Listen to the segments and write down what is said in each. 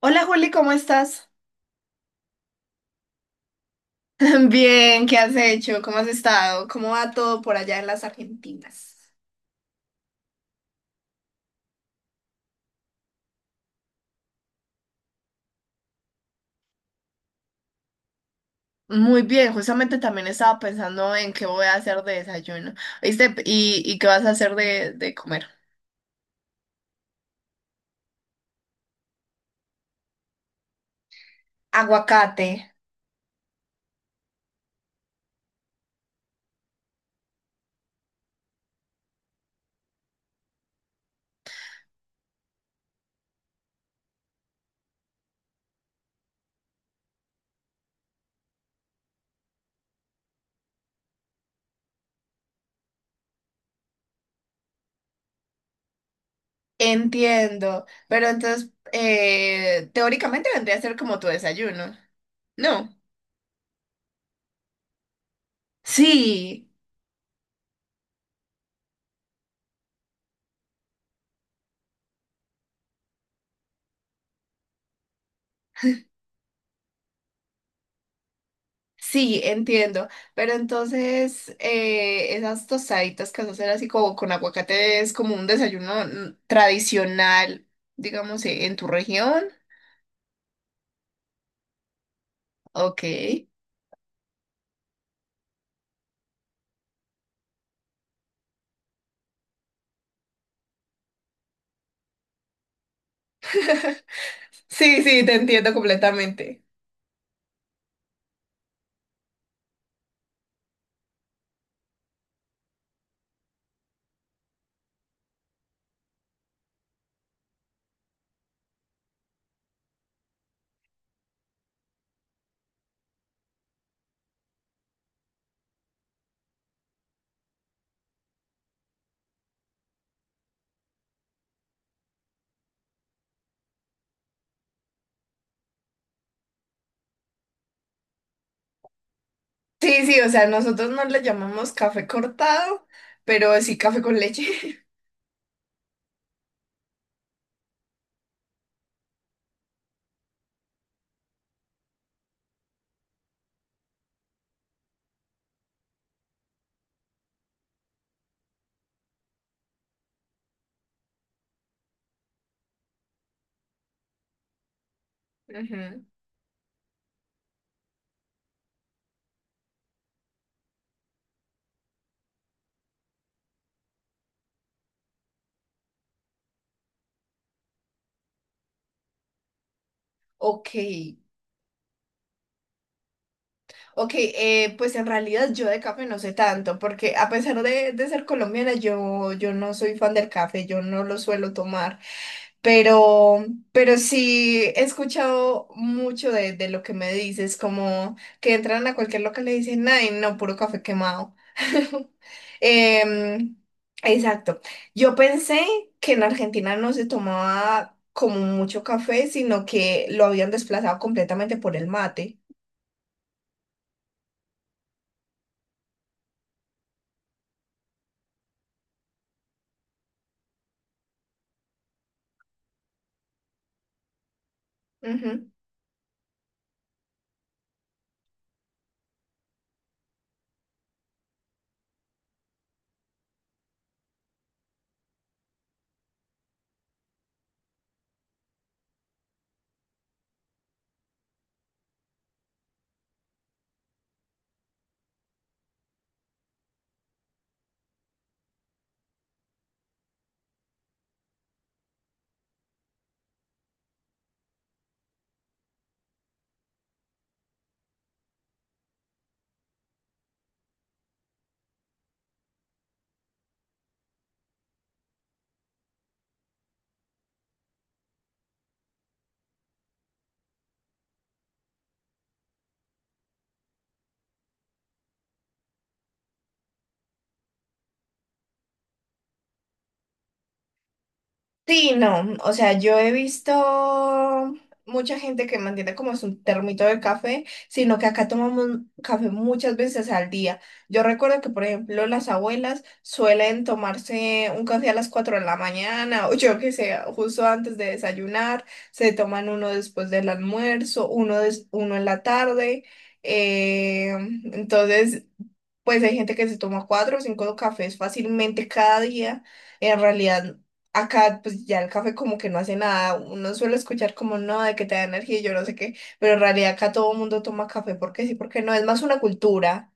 Hola Juli, ¿cómo estás? Bien, ¿qué has hecho? ¿Cómo has estado? ¿Cómo va todo por allá en las Argentinas? Muy bien, justamente también estaba pensando en qué voy a hacer de desayuno. ¿Viste? ¿Y, qué vas a hacer de comer? Aguacate, entiendo. Pero entonces, teóricamente vendría a ser como tu desayuno. No. Sí, sí, entiendo. Pero entonces, esas tostaditas que vas a hacer así como con aguacate es como un desayuno tradicional, digamos, en tu región. Ok. Sí, sí, te entiendo completamente. Sí, sí, o sea, nosotros no le llamamos café cortado, pero sí café con leche. Ujú. Ok, ok, pues en realidad yo de café no sé tanto, porque a pesar de ser colombiana, yo no soy fan del café, yo no lo suelo tomar. Pero, pero sí he escuchado mucho de lo que me dices, como que entran a cualquier local y le dicen, ay, no, puro café quemado. Em, exacto. Yo pensé que en Argentina no se tomaba como mucho café, sino que lo habían desplazado completamente por el mate. Sí, no, o sea, yo he visto mucha gente que mantiene como su termito de café, sino que acá tomamos café muchas veces al día. Yo recuerdo que, por ejemplo, las abuelas suelen tomarse un café a las 4 de la mañana, o yo que sé, justo antes de desayunar, se toman uno después del almuerzo, uno, uno en la tarde. eh, entonces, pues hay gente que se toma cuatro o cinco cafés fácilmente cada día. En realidad. Acá, pues ya el café como que no hace nada. Uno suele escuchar como no, de que te da energía y yo no sé qué, pero en realidad acá todo el mundo toma café porque sí, porque no, es más una cultura.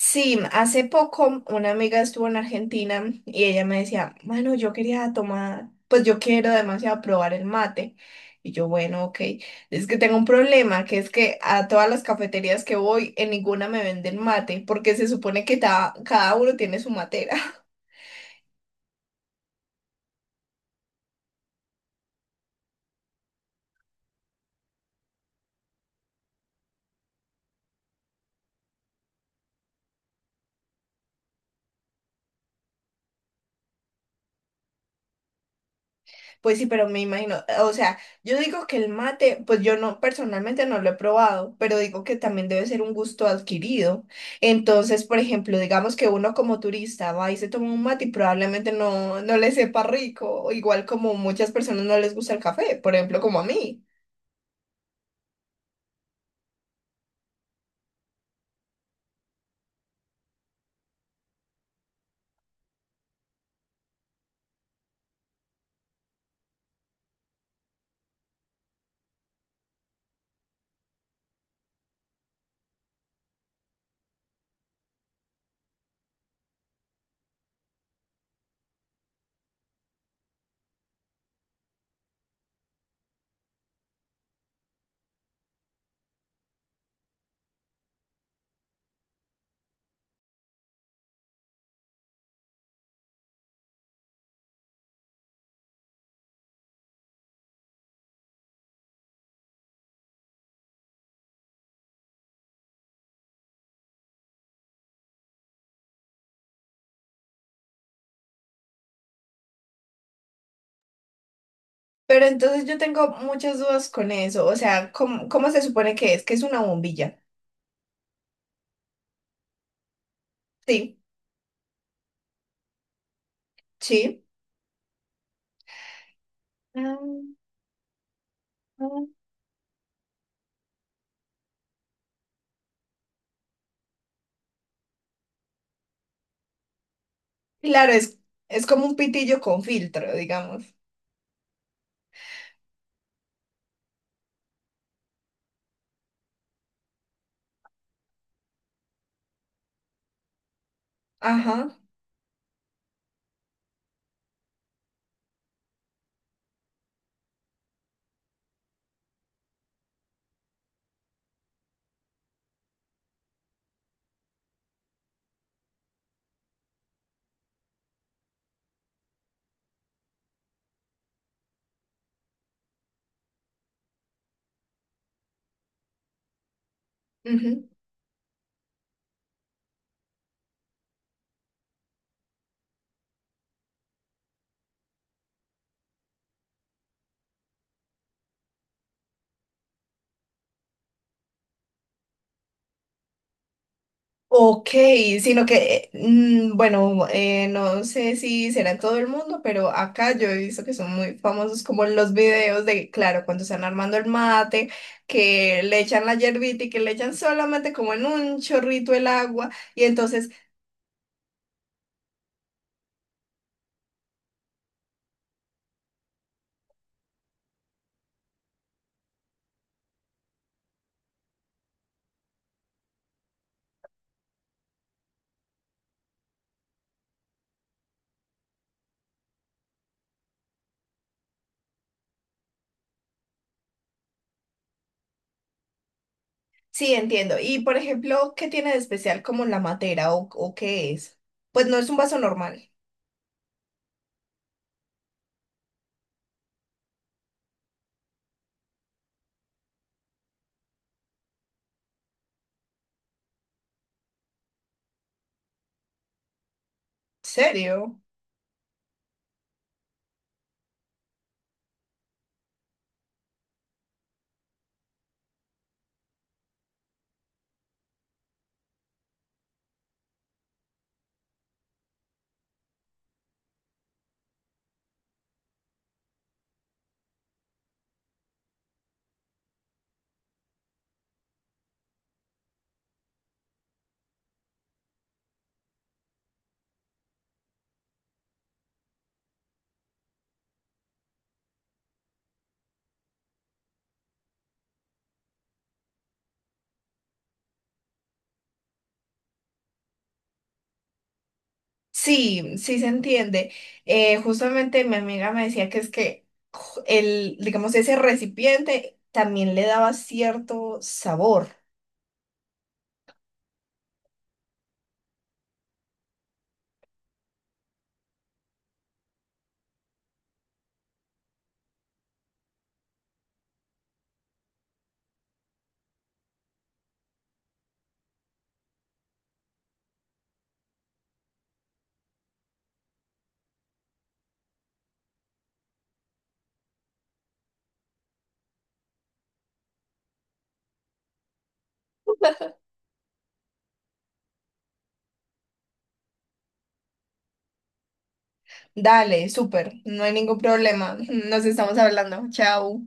Sí, hace poco una amiga estuvo en Argentina y ella me decía, bueno, yo quería tomar, pues yo quiero demasiado probar el mate. Y yo, bueno, ok, es que tengo un problema, que es que a todas las cafeterías que voy, en ninguna me venden mate, porque se supone que cada uno tiene su matera. Pues sí, pero me imagino, o sea, yo digo que el mate, pues yo no, personalmente no lo he probado, pero digo que también debe ser un gusto adquirido. Entonces, por ejemplo, digamos que uno como turista va y se toma un mate y probablemente no, no le sepa rico, o igual como muchas personas no les gusta el café, por ejemplo, como a mí. Pero entonces yo tengo muchas dudas con eso, o sea, ¿cómo, cómo se supone que es? Que es una bombilla. Sí, sí. Ah. Mm. Claro, es como un pitillo con filtro, digamos. Ajá. Ujú. Ok, sino que, bueno, no sé si será en todo el mundo, pero acá yo he visto que son muy famosos como los videos de, claro, cuando están armando el mate, que le echan la yerbita y que le echan solamente como en un chorrito el agua. Y entonces, sí, entiendo. Y por ejemplo, ¿qué tiene de especial como la matera o qué es? Pues no es un vaso normal. ¿Serio? Sí, sí se entiende. Justamente mi amiga me decía que es que el, digamos, ese recipiente también le daba cierto sabor. Dale, súper, no hay ningún problema. Nos estamos hablando. Chao.